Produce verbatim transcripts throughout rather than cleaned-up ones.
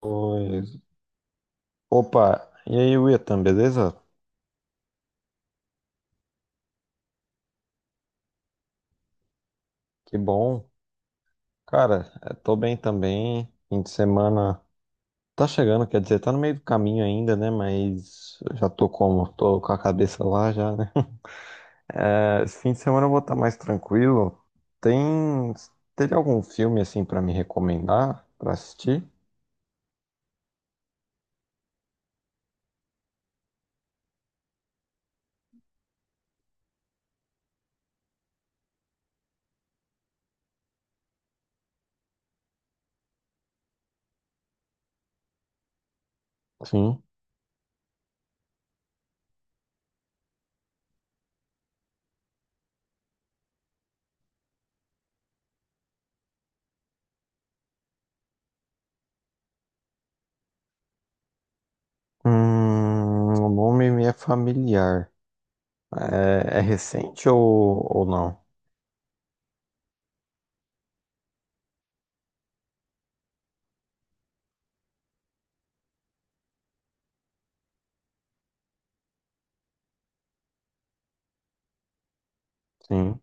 Pois. Opa, e aí, Wietan, beleza? Que bom. Cara, eh, tô bem também. Fim de semana tá chegando, quer dizer, tá no meio do caminho ainda, né? Mas eu já tô como? Tô com a cabeça lá já, né? Eh, Esse fim de semana eu vou estar mais tranquilo. Tem. Teve algum filme assim pra me recomendar pra assistir? Sim. Hum, o nome me é familiar. É, é recente ou, ou não? Sim,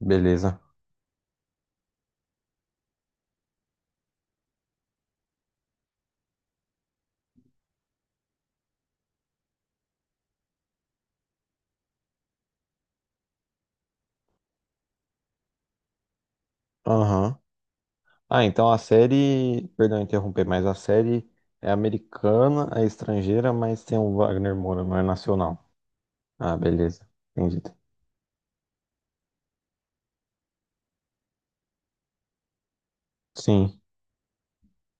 beleza. Aham. Ah, então a série, perdão interromper, mas a série é americana, é estrangeira, mas tem o Wagner Moura, não é nacional. Ah, beleza. Entendi. Sim,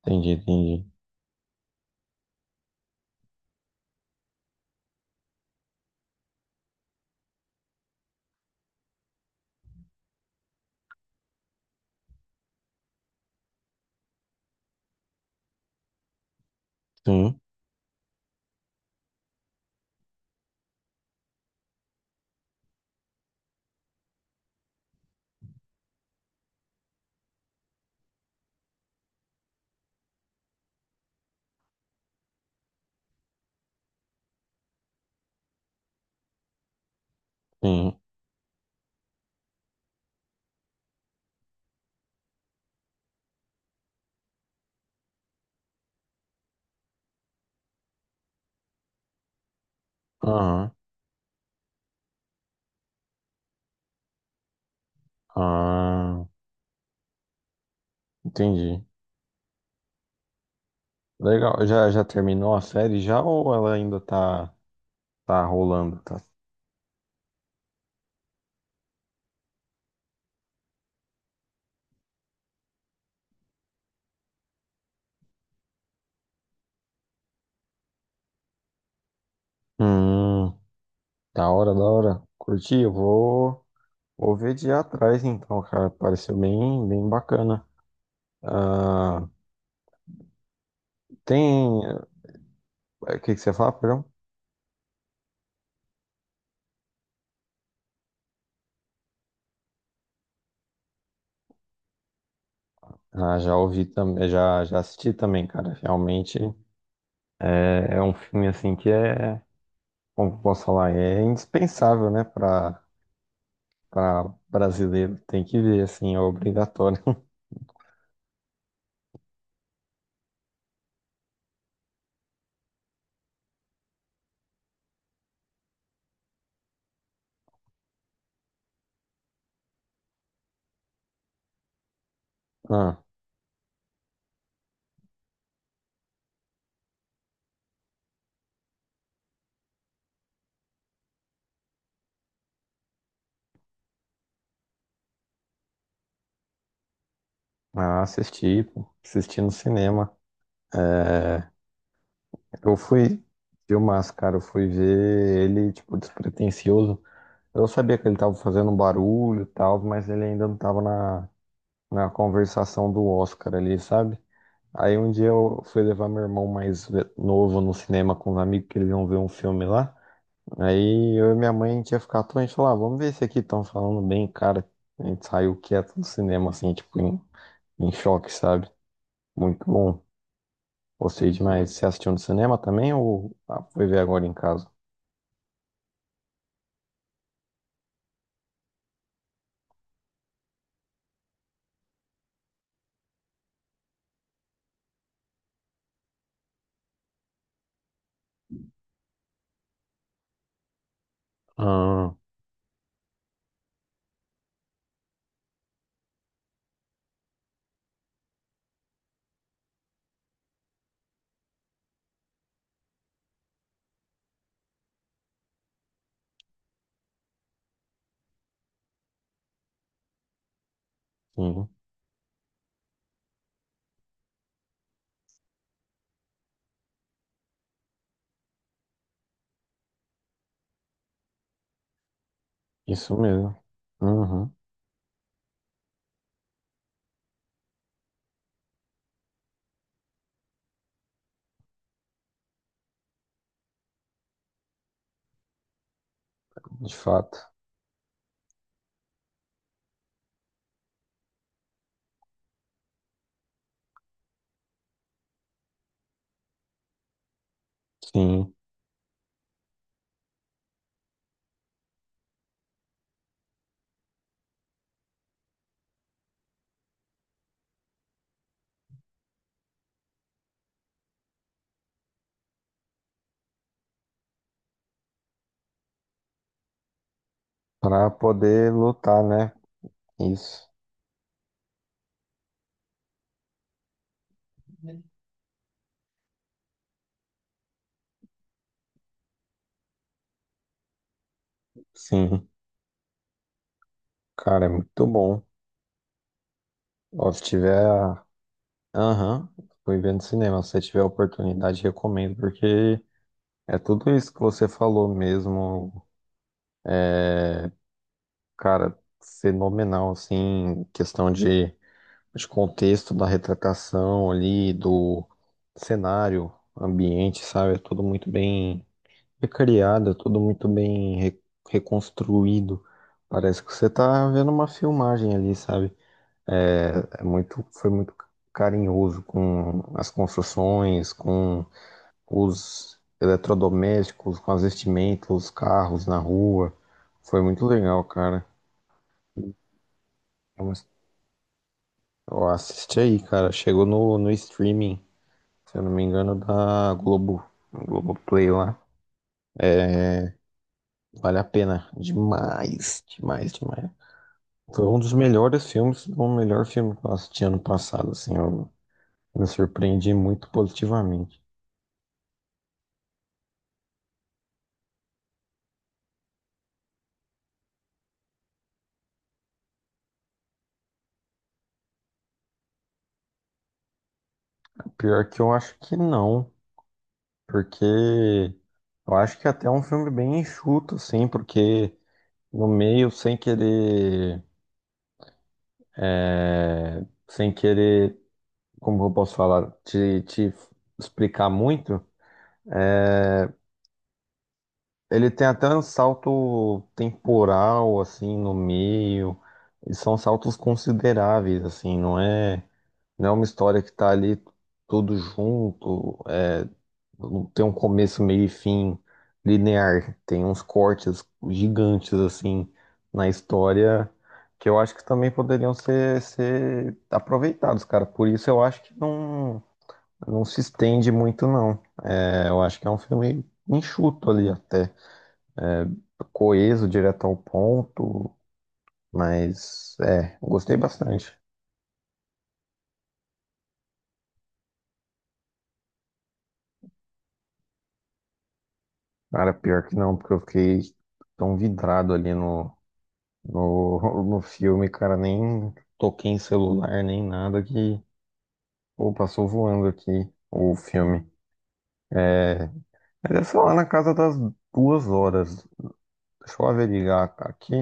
entendi, entendi. Sim, sim. Aham. Ah, entendi. Legal. Já, já terminou a série já ou ela ainda tá, tá rolando? Tá? Hum, da hora, da hora. Curti, eu vou, vou ver de ir atrás então, cara. Pareceu bem, bem bacana. Ah, tem. eh, O que que você fala, perdão? Ah, já ouvi também, já, já assisti também, cara. Realmente é, é um filme assim que é, como que eu posso falar, é indispensável, né, para para brasileiro. Tem que ver, assim, é obrigatório. Ah, ah, assisti, pô, assisti no cinema. É, eu fui filmar, cara, eu fui ver ele, tipo, despretensioso. Eu sabia que ele tava fazendo um barulho e tal, mas ele ainda não tava na, na conversação do Oscar ali, sabe? Aí um dia eu fui levar meu irmão mais ve- novo no cinema com os amigos que eles iam ver um filme lá. Aí eu e minha mãe, a gente ia ficar à toa, a gente falou, ah, vamos ver esse aqui, estão falando bem, cara. A gente saiu quieto do cinema, assim, tipo, em, em choque, sabe? Muito bom. Gostei demais. Você assistiu no cinema também ou ah, foi ver agora em casa? Ah, sim. Isso mesmo. Uhum, de fato. Sim. Pra poder lutar, né? Isso. Sim. Cara, é muito bom. Ó, se tiver. Aham, fui evento no cinema. Se você tiver a oportunidade, recomendo, porque é tudo isso que você falou mesmo, cara, fenomenal, assim, questão de, de contexto da retratação ali, do cenário, ambiente, sabe? É tudo muito bem recriado, é tudo muito bem re- reconstruído. Parece que você tá vendo uma filmagem ali, sabe? É, é muito, foi muito carinhoso com as construções, com os eletrodomésticos, com as vestimentas, os carros na rua. Foi muito legal, cara. É uma- Ó, assiste aí, cara. Chegou no, no streaming, se eu não me engano, da Globo, Globoplay lá. Vale a pena. Demais, demais, demais. Foi um dos melhores filmes, se não o melhor filme que eu assisti ano passado, assim. Eu me surpreendi muito positivamente. Pior que eu acho que não, porque eu acho que é até é um filme bem enxuto, assim, porque no meio sem querer, é, sem querer, como eu posso falar, te, te explicar muito, é, ele tem até um salto temporal assim no meio, e são saltos consideráveis assim, não é, não é uma história que tá ali tudo junto. Não tem um começo, meio e fim linear. Tem uns cortes gigantes, assim, na história, que eu acho que também poderiam ser, ser aproveitados, cara. Por isso eu acho que não, não se estende muito, não. É, eu acho que é um filme enxuto ali até. É, coeso, direto ao ponto, mas é, eu gostei bastante. Cara, pior que não, porque eu fiquei tão vidrado ali No, no filme, cara, nem toquei em celular, nem nada que. Pô, passou voando aqui o filme. É, mas é só lá na casa das duas horas. Deixa eu averiguar aqui.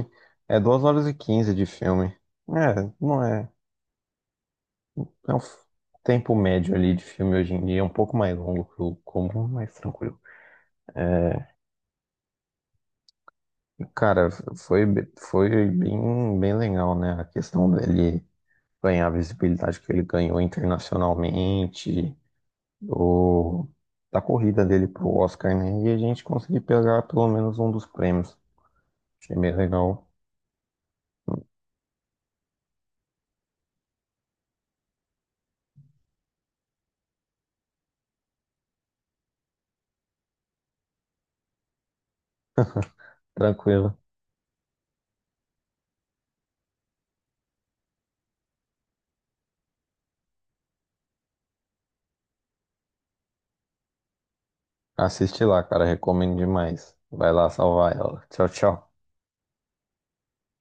É duas horas e quinze de filme. É, não é. É um f- tempo médio ali de filme hoje em dia. É um pouco mais longo que o comum, mas tranquilo. Cara, foi, be- foi bem, bem legal, né? A questão dele ganhar a visibilidade que ele ganhou internacionalmente. Do, da corrida dele pro Oscar, né? E a gente conseguir pegar pelo menos um dos prêmios. Achei bem legal, tranquilo. Assiste lá, cara, recomendo demais. Vai lá salvar ela. Tchau, tchau.